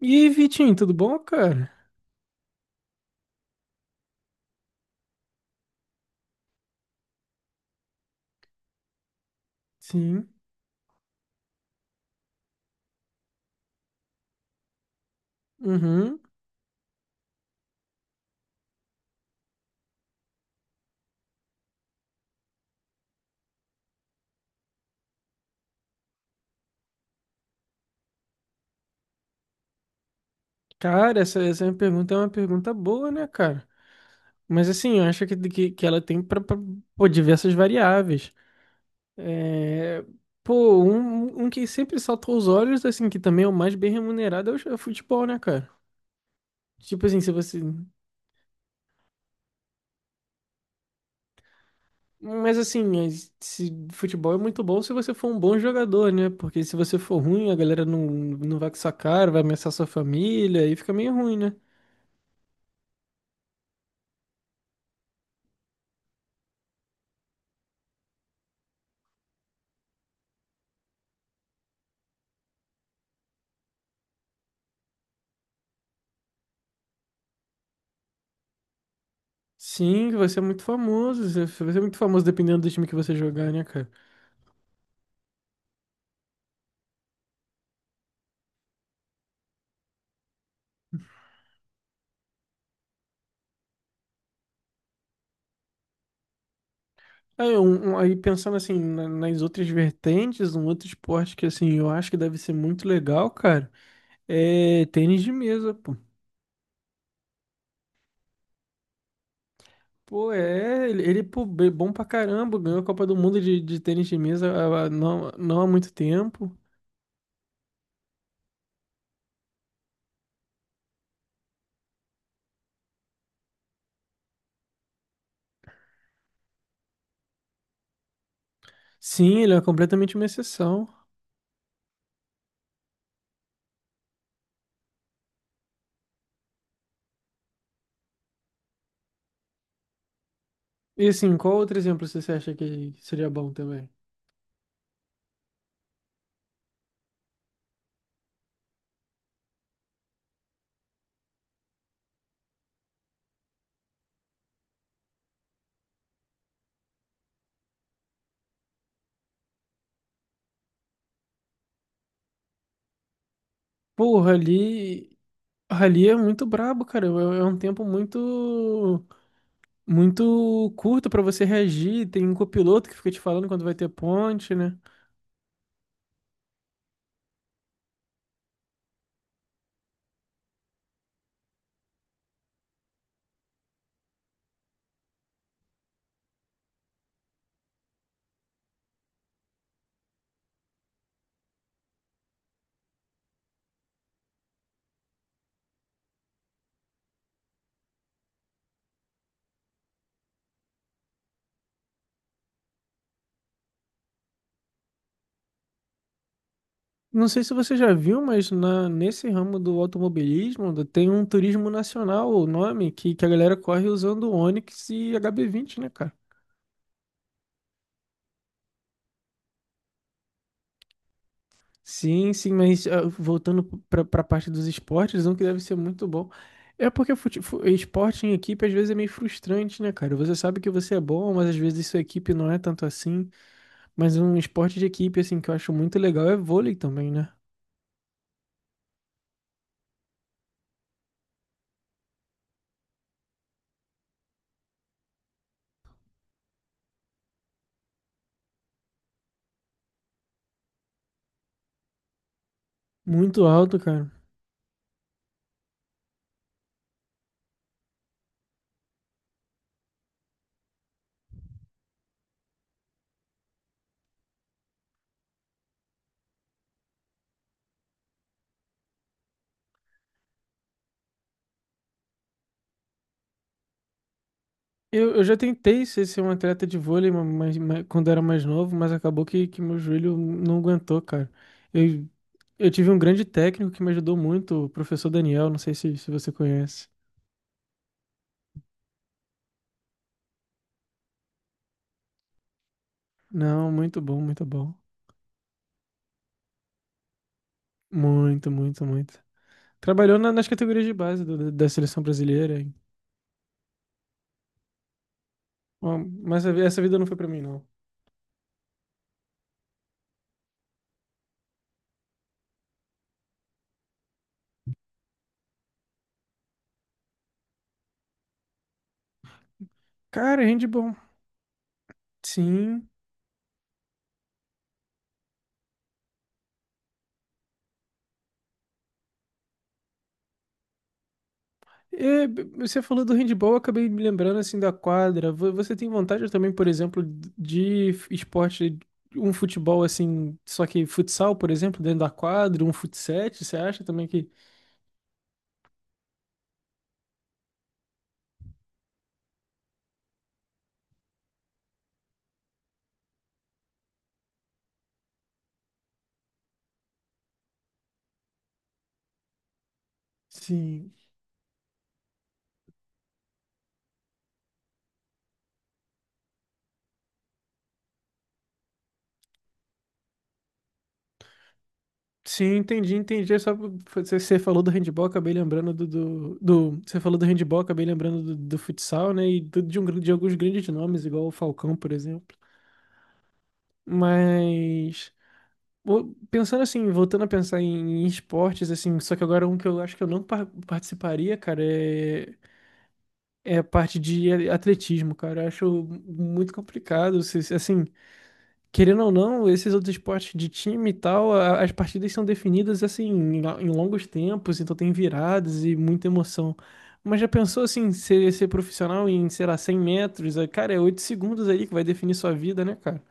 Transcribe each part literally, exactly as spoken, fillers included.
E aí, Vitinho, tudo bom, cara? Sim. Uhum. Cara, essa, essa minha pergunta é uma pergunta boa, né, cara? Mas assim, eu acho que, que, que ela tem para diversas variáveis. É, Pô, um, um que sempre salta aos olhos, assim, que também é o mais bem remunerado é o, é o futebol, né, cara? Tipo assim, se você. Mas assim, as- se futebol é muito bom se você for um bom jogador, né? Porque se você for ruim, a galera não, não vai com sua cara, vai ameaçar sua família, aí fica meio ruim, né? Sim, que vai ser muito famoso. Você você vai ser muito famoso dependendo do time que você jogar, né, cara? Aí, um- um- aí pensando assim, na- nas outras vertentes, um outro esporte que assim, eu acho que deve ser muito legal, cara, é tênis de mesa, pô. Pô, é, ele, ele, pô, é bom pra caramba, ganhou a Copa do Mundo de, de tênis de mesa há- há- não, não há muito tempo. Sim, ele é completamente uma exceção. E assim, qual outro exemplo você acha que seria bom também? Porra, ali. Ali é muito brabo, cara. É é um tempo muito muito curto pra você reagir. Tem um copiloto que fica te falando quando vai ter ponte, né? Não sei se você já viu, mas na, nesse ramo do automobilismo do- tem um turismo nacional, o nome, que, que a galera corre usando Onix e hb vinte, né, cara? Sim, sim, mas ah, voltando pra, pra parte dos esportes, um que deve ser muito bom. É porque fute- fu- esporte em equipe às vezes é meio frustrante, né, cara? Você sabe que você é bom, mas às vezes sua equipe não é tanto assim. Mas um esporte de equipe, assim, que eu acho muito legal é vôlei também, né? Muito alto, cara. Eu, eu já tentei ser, ser um atleta de vôlei ma- mas, mas- quando era mais novo, mas acabou que, que meu joelho não aguentou, cara. Eu, eu tive um grande técnico que me ajudou muito, o professor Daniel, não sei se, se você conhece. Não, muito bom, muito bom. Muito, muito, muito. Trabalhou na- nas categorias de base do- da seleção brasileira, hein? Bom, mas essa vida não foi pra mim, não. Cara, handball. Sim. É, b- você falou do handball, eu acabei me lembrando assim da quadra. Vo- Você tem vontade também, por exemplo, de f- esporte, um futebol assim, só que futsal, por exemplo, dentro da quadra, um futsete, você acha também que. Sim. Sim, entendi, entendi. É. Só por- você, você falou do handball, acabei lembrando do, do, do- Você falou do handball, acabei lembrando do, do futsal, né? E do- de, um, gran- de alguns grandes nomes, igual o Falcão, por exemplo. Mas. Bom, pensando assim, voltando a pensar em, em esportes, assim, só que agora um que eu acho que eu não par- participaria, cara, é, é a parte de a- atletismo, cara. Eu acho muito complicado. se- se- Assim, querendo ou não, esses outros esportes de time e tal, a- as partidas são definidas assim em, lo- em longos tempos, então tem viradas e muita emoção. Mas já pensou assim, ser, ser profissional em, sei lá, cem metros? É, cara, é oito segundos aí que vai definir sua vida, né, cara?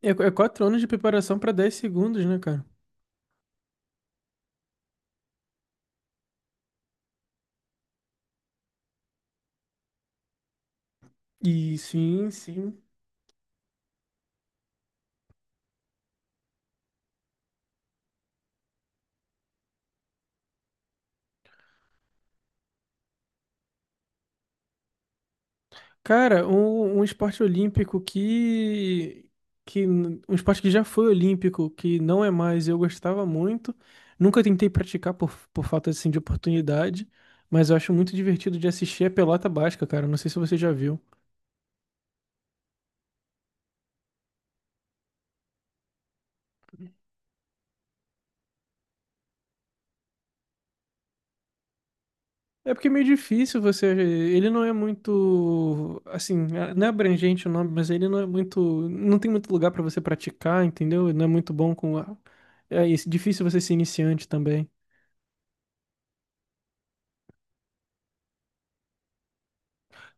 É, é quatro anos de preparação pra dez segundos, né, cara? E sim, sim. Cara, um, um esporte olímpico que, que. n- Um esporte que já foi olímpico, que não é mais, eu gostava muito. Nunca tentei praticar por, por falta assim, de oportunidade, mas eu acho muito divertido de assistir a pelota basca, cara. Não sei se você já viu. É porque é meio difícil você. Ele não é muito. Assim, é, não é abrangente o nome, mas ele não é muito. Não tem muito lugar pra você praticar, entendeu? Não é muito bom com. a- É isso, difícil você ser iniciante também.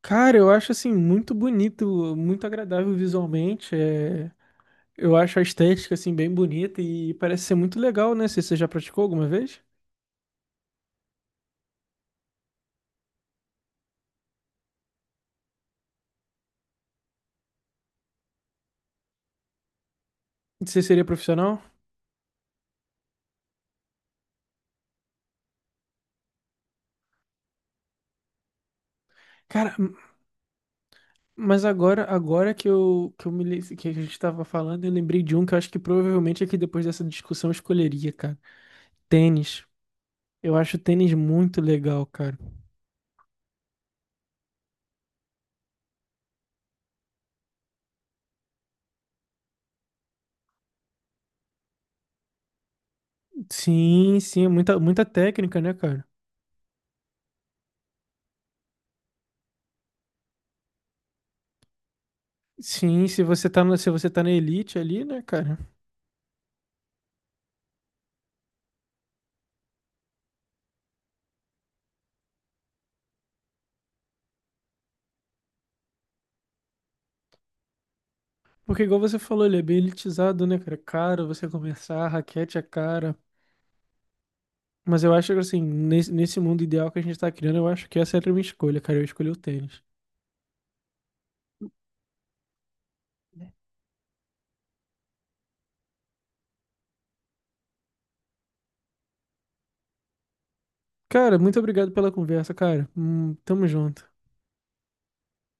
Cara, eu acho assim muito bonito, muito agradável visualmente. é, Eu acho a estética assim bem bonita e parece ser muito legal, né? Se você já praticou alguma vez? Você seria profissional? Cara, m- mas agora, agora que eu, que eu me, li- que a gente tava falando, eu lembrei de um que eu acho que provavelmente aqui depois dessa discussão eu escolheria, cara. Tênis. Eu acho tênis muito legal, cara. Sim, sim, é muita, muita técnica, né, cara? Sim, se você tá, no- se você tá na elite ali, né, cara? Porque igual você falou, ele é bem elitizado, né, cara? É caro você começar, a raquete é cara. Mas eu acho que assim, nesse, nesse mundo ideal que a gente tá criando, eu acho que essa era a minha escolha, cara. Eu escolhi o tênis. Cara, muito obrigado pela conversa, cara. Hum, tamo junto.